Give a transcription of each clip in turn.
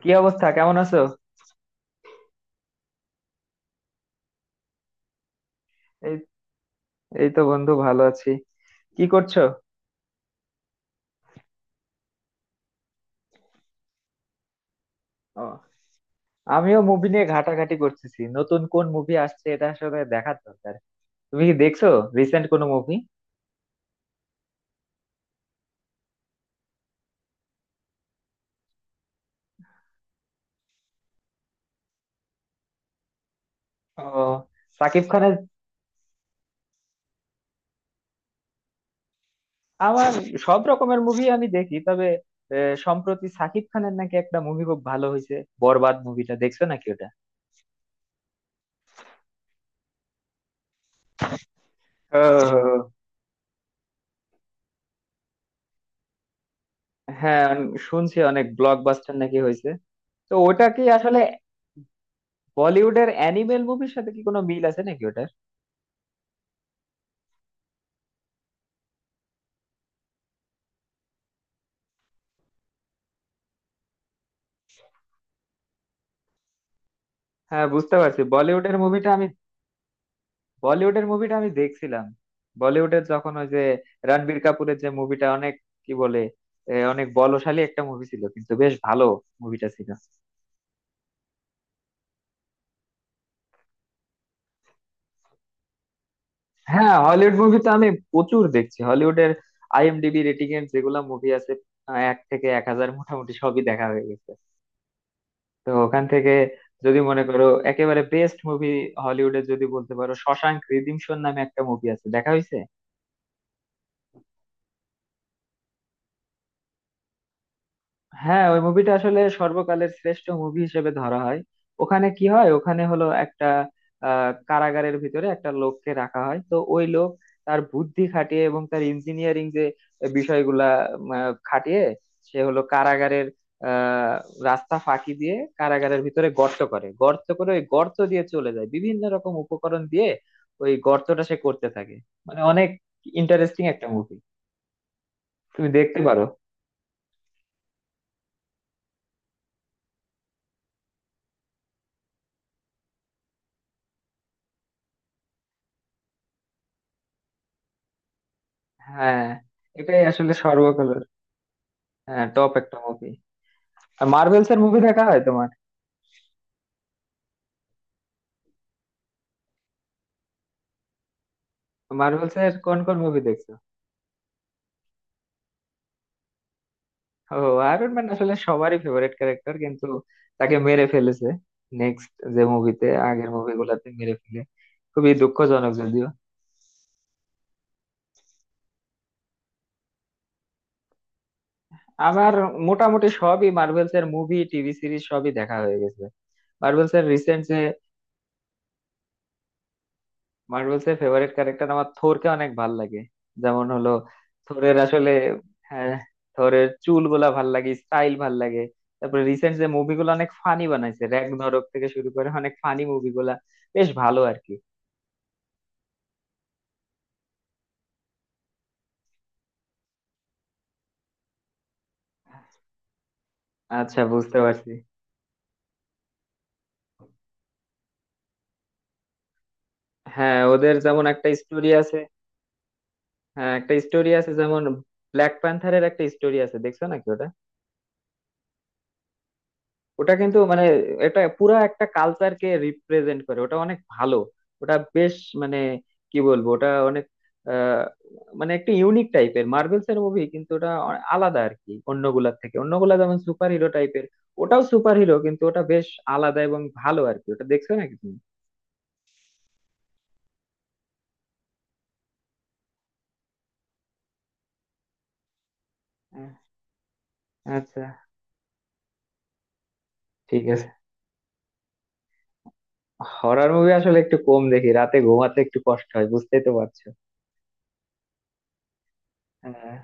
কি অবস্থা, কেমন আছো? এই এই তো, বন্ধু, ভালো আছি। কি করছো? ও, আমিও মুভি নিয়ে ঘাটাঘাটি করতেছি, নতুন কোন মুভি আসছে এটা আসলে দেখার দরকার। তুমি কি দেখছো, রিসেন্ট কোনো মুভি? ও, সাকিব খানের। আমার সব রকমের মুভি আমি দেখি, তবে সম্প্রতি সাকিব খানের নাকি একটা মুভি খুব ভালো হয়েছে। বরবাদ মুভিটা দেখছো নাকি ওটা? ও, হ্যাঁ। আমি শুনছি অনেক ব্লকবাস্টার নাকি হয়েছে। তো ওটা কি আসলে বলিউডের অ্যানিমেল মুভির সাথে কি কোনো মিল আছে নাকি? হ্যাঁ, বুঝতে পারছি। বলিউডের মুভিটা আমি, বলিউডের মুভিটা আমি দেখছিলাম। বলিউডের যখন ওই যে রণবীর কাপুরের, যে মুভিটা অনেক, কি বলে, অনেক বলশালী একটা মুভি ছিল, কিন্তু বেশ ভালো মুভিটা ছিল। হ্যাঁ, হলিউড মুভি তো আমি প্রচুর দেখছি। হলিউডের আইএমডিবি রেটিং এর যেগুলা মুভি আছে, এক থেকে 1000 মোটামুটি সবই দেখা হয়ে গেছে। তো ওখান থেকে যদি মনে করো একেবারে বেস্ট মুভি হলিউডের, যদি বলতে পারো, শশাঙ্ক রিডিমশন নামে একটা মুভি আছে, দেখা হয়েছে? হ্যাঁ, ওই মুভিটা আসলে সর্বকালের শ্রেষ্ঠ মুভি হিসেবে ধরা হয়। ওখানে কি হয়, ওখানে হলো একটা কারাগারের ভিতরে একটা লোককে রাখা হয়। তো ওই লোক তার বুদ্ধি খাটিয়ে এবং তার ইঞ্জিনিয়ারিং যে বিষয়গুলা খাটিয়ে সে হলো কারাগারের আহ রাস্তা ফাঁকি দিয়ে কারাগারের ভিতরে গর্ত করে গর্ত করে ওই গর্ত দিয়ে চলে যায় বিভিন্ন রকম উপকরণ দিয়ে। ওই গর্তটা সে করতে থাকে। মানে অনেক ইন্টারেস্টিং একটা মুভি। তুমি দেখতে পারো। হ্যাঁ, এটাই আসলে সর্বকালের, হ্যাঁ, টপ একটা মুভি। আর মার্ভেলস এর মুভি দেখা হয় তোমার? মার্ভেলস এর কোন কোন মুভি দেখছো? ও, আয়রন ম্যান আসলে সবারই ফেভারিট ক্যারেক্টার, কিন্তু তাকে মেরে ফেলেছে নেক্সট যে মুভিতে, আগের মুভিগুলোতে মেরে ফেলে। খুবই দুঃখজনক যদিও। আমার মোটামুটি সবই মার্ভেলস এর মুভি, টিভি সিরিজ সবই দেখা হয়ে গেছে। মার্ভেলস এর রিসেন্ট মার্ভেলস এর ফেভারিট ক্যারেক্টার আমার থোরকে অনেক ভাল লাগে। যেমন হলো থোরের আসলে, হ্যাঁ, থোরের চুলগুলা ভাল লাগে, স্টাইল ভাল লাগে। তারপরে রিসেন্ট যে মুভিগুলো অনেক ফানি বানাইছে, র‍্যাগনারক থেকে শুরু করে অনেক ফানি মুভিগুলা বেশ ভালো আর কি। আচ্ছা, বুঝতে পারছি। হ্যাঁ, ওদের যেমন একটা স্টোরি আছে, হ্যাঁ একটা স্টোরি আছে যেমন ব্ল্যাক প্যান্থারের একটা স্টোরি আছে, দেখছো নাকি ওটা? ওটা কিন্তু মানে এটা পুরা একটা কালচারকে রিপ্রেজেন্ট করে, ওটা অনেক ভালো। ওটা বেশ, মানে কি বলবো, ওটা অনেক আহ, মানে একটা ইউনিক টাইপের মার্ভেলস এর মুভি, কিন্তু ওটা আলাদা আর কি অন্যগুলার থেকে। অন্যগুলা যেমন সুপার হিরো টাইপের, ওটাও সুপার হিরো, কিন্তু ওটা বেশ আলাদা এবং ভালো আর কি। ওটা দেখছো নাকি তুমি? আহ, আচ্ছা, ঠিক আছে। হরর মুভি আসলে একটু কম দেখি, রাতে ঘুমাতে একটু কষ্ট হয়, বুঝতেই তো পারছো। হ্যাঁ,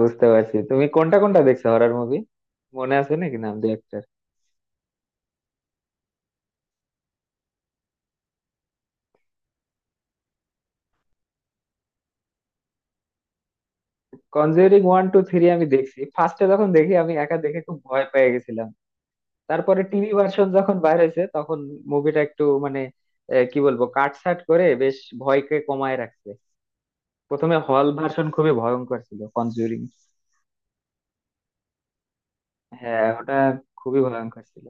বুঝতে পারছি। তুমি কোনটা কোনটা দেখছো হরর মুভি, মনে আছে নাকি নাম দু একটা? কনজিউরিং ওয়ান টু থ্রি আমি দেখছি, ফার্স্টে যখন দেখি আমি একা দেখে খুব ভয় পেয়ে গেছিলাম। তারপরে টিভি ভার্সন যখন বাইর হয়েছে তখন মুভিটা একটু মানে কি বলবো কাটছাট করে বেশ ভয়কে কমায় রাখছে। প্রথমে হল ভার্সন খুবই ভয়ঙ্কর ছিল কনজিউরিং। হ্যাঁ, ওটা খুবই ভয়ঙ্কর ছিল।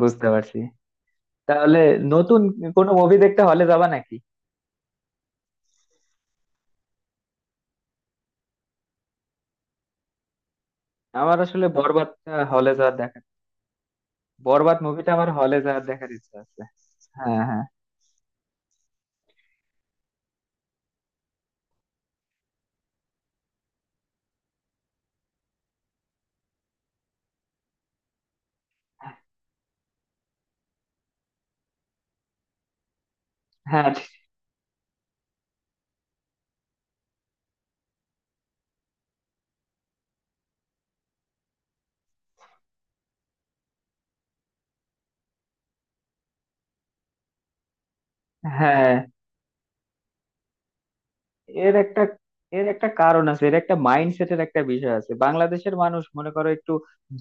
বুঝতে পারছি। তাহলে নতুন কোনো মুভি দেখতে হলে যাবা নাকি? আমার আসলে বরবাদটা হলে যাওয়ার দেখা, বরবাদ মুভিটা আমার হলে যাওয়ার দেখার ইচ্ছা আছে। হ্যাঁ, হ্যাঁ, হ্যাঁ, হ্যাঁ। এর একটা এর একটা কারণ আছে, এর একটা মাইন্ডসেটের একটা বিষয় আছে। বাংলাদেশের মানুষ, মনে করো, একটু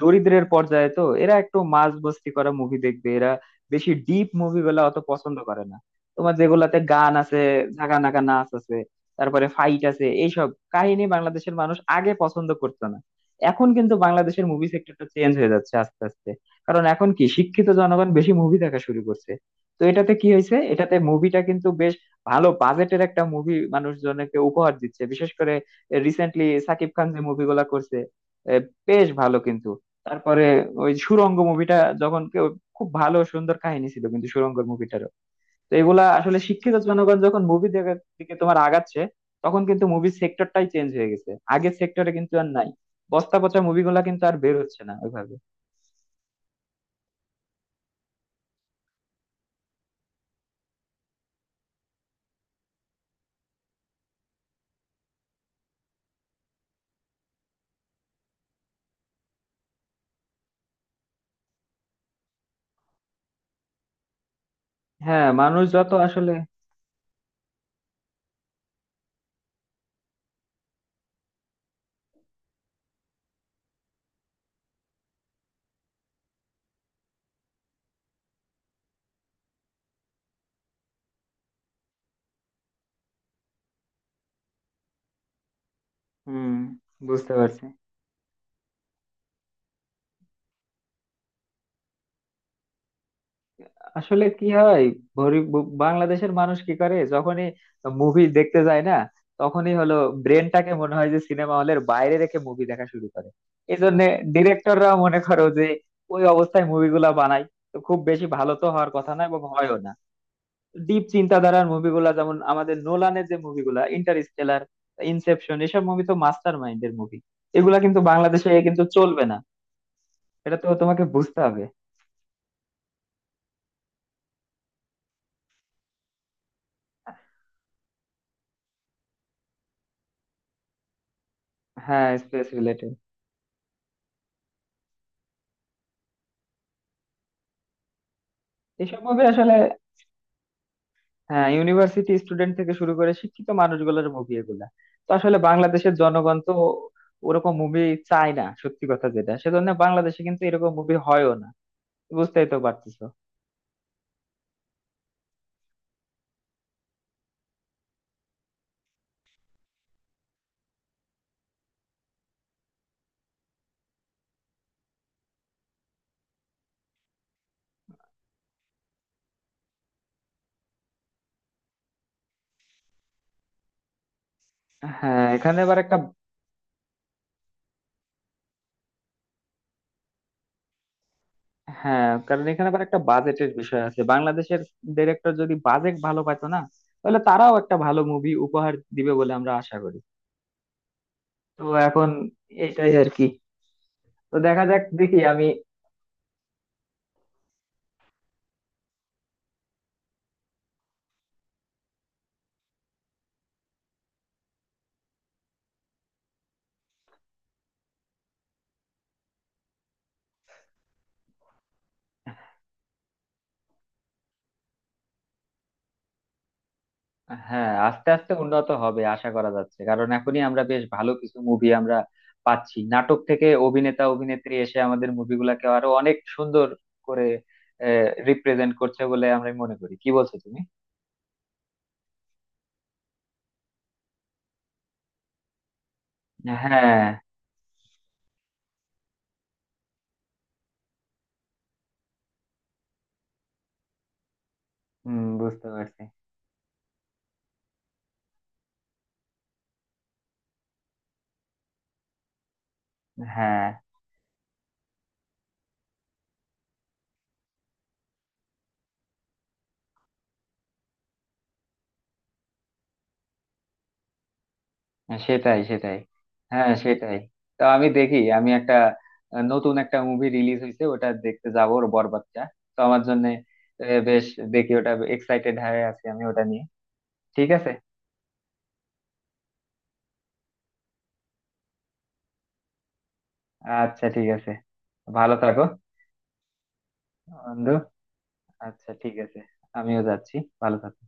দরিদ্রের পর্যায়ে, তো এরা একটু মাঝ মস্তি করা মুভি দেখবে। এরা বেশি ডিপ মুভি গুলা অত পছন্দ করে না। তোমার যেগুলাতে গান আছে, ঝাগা নাগা নাচ আছে, তারপরে ফাইট আছে, এইসব কাহিনী বাংলাদেশের মানুষ আগে পছন্দ করতো না। এখন কিন্তু বাংলাদেশের মুভি সেক্টরটা চেঞ্জ হয়ে যাচ্ছে আস্তে আস্তে, কারণ এখন কি শিক্ষিত জনগণ বেশি মুভি দেখা শুরু করছে। তো এটাতে কি হয়েছে, এটাতে মুভিটা কিন্তু বেশ ভালো বাজেটের একটা মুভি মানুষজনকে উপহার দিচ্ছে। বিশেষ করে রিসেন্টলি সাকিব খান যে মুভিগুলা করছে, এ, বেশ ভালো কিন্তু। তারপরে ওই সুড়ঙ্গ মুভিটা যখন কেউ, খুব ভালো সুন্দর কাহিনী ছিল কিন্তু সুড়ঙ্গ মুভিটারও। তো এগুলা আসলে শিক্ষিত জনগণ যখন মুভি দেখার দিকে তোমার আগাচ্ছে, তখন কিন্তু মুভি সেক্টরটাই চেঞ্জ হয়ে গেছে। আগের সেক্টরে কিন্তু আর নাই, বস্তা পচা মুভিগুলা কিন্তু আর বের হচ্ছে না ওইভাবে। হ্যাঁ, মানুষ যত আসলে, হুম, বুঝতে পারছি। আসলে কি হয়, গরিব বাংলাদেশের মানুষ কি করে, যখনই মুভি দেখতে যায় না, তখনই হলো ব্রেনটাকে মনে হয় যে সিনেমা হলের বাইরে রেখে মুভি দেখা শুরু করে। এই জন্য ডিরেক্টররাও মনে করো যে ওই অবস্থায় মুভিগুলা বানায়, তো খুব বেশি ভালো তো হওয়ার কথা না, এবং হয়ও না। ডিপ চিন্তাধারার মুভিগুলা যেমন আমাদের নোলানের যে মুভিগুলা, ইন্টারস্টেলার, ইনসেপশন, এসব মুভি তো মাস্টার মাইন্ডের মুভি, এগুলা কিন্তু বাংলাদেশে কিন্তু চলবে না। এটা তো তোমাকে বুঝতে হবে। হ্যাঁ, স্পেস রিলেটেড এইসব মুভি আসলে, হ্যাঁ, ইউনিভার্সিটি স্টুডেন্ট থেকে শুরু করে শিক্ষিত মানুষগুলোর মুভি এগুলা। তো আসলে বাংলাদেশের জনগণ তো ওরকম মুভি চায় না সত্যি কথা যেটা, সেজন্য বাংলাদেশে কিন্তু এরকম মুভি হয়ও না। বুঝতেই তো পারতেছো। হ্যাঁ, এখানে আবার একটা, হ্যাঁ কারণ এখানে আবার একটা বাজেটের বিষয় আছে। বাংলাদেশের ডিরেক্টর যদি বাজেট ভালো পাইতো না, তাহলে তারাও একটা ভালো মুভি উপহার দিবে বলে আমরা আশা করি। তো এখন এটাই আর কি, তো দেখা যাক দেখি আমি। হ্যাঁ, আস্তে আস্তে উন্নত হবে আশা করা যাচ্ছে, কারণ এখনই আমরা বেশ ভালো কিছু মুভি আমরা পাচ্ছি। নাটক থেকে অভিনেতা অভিনেত্রী এসে আমাদের মুভিগুলাকে আরো অনেক সুন্দর করে রিপ্রেজেন্ট করছে বলে আমরা মনে করি। কি বলছো তুমি? হ্যাঁ, হুম, বুঝতে পারছি। হ্যাঁ, সেটাই সেটাই। হ্যাঁ, সেটাই। তো আমি দেখি, আমি একটা নতুন একটা মুভি রিলিজ হয়েছে, ওটা দেখতে যাবো, ওর বরবাদটা। তো আমার জন্য বেশ, দেখি ওটা, এক্সাইটেড হয়ে আছি আমি ওটা নিয়ে। ঠিক আছে। আচ্ছা, ঠিক আছে। ভালো থাকো, বন্ধু। আচ্ছা, ঠিক আছে, আমিও যাচ্ছি, ভালো থাকো।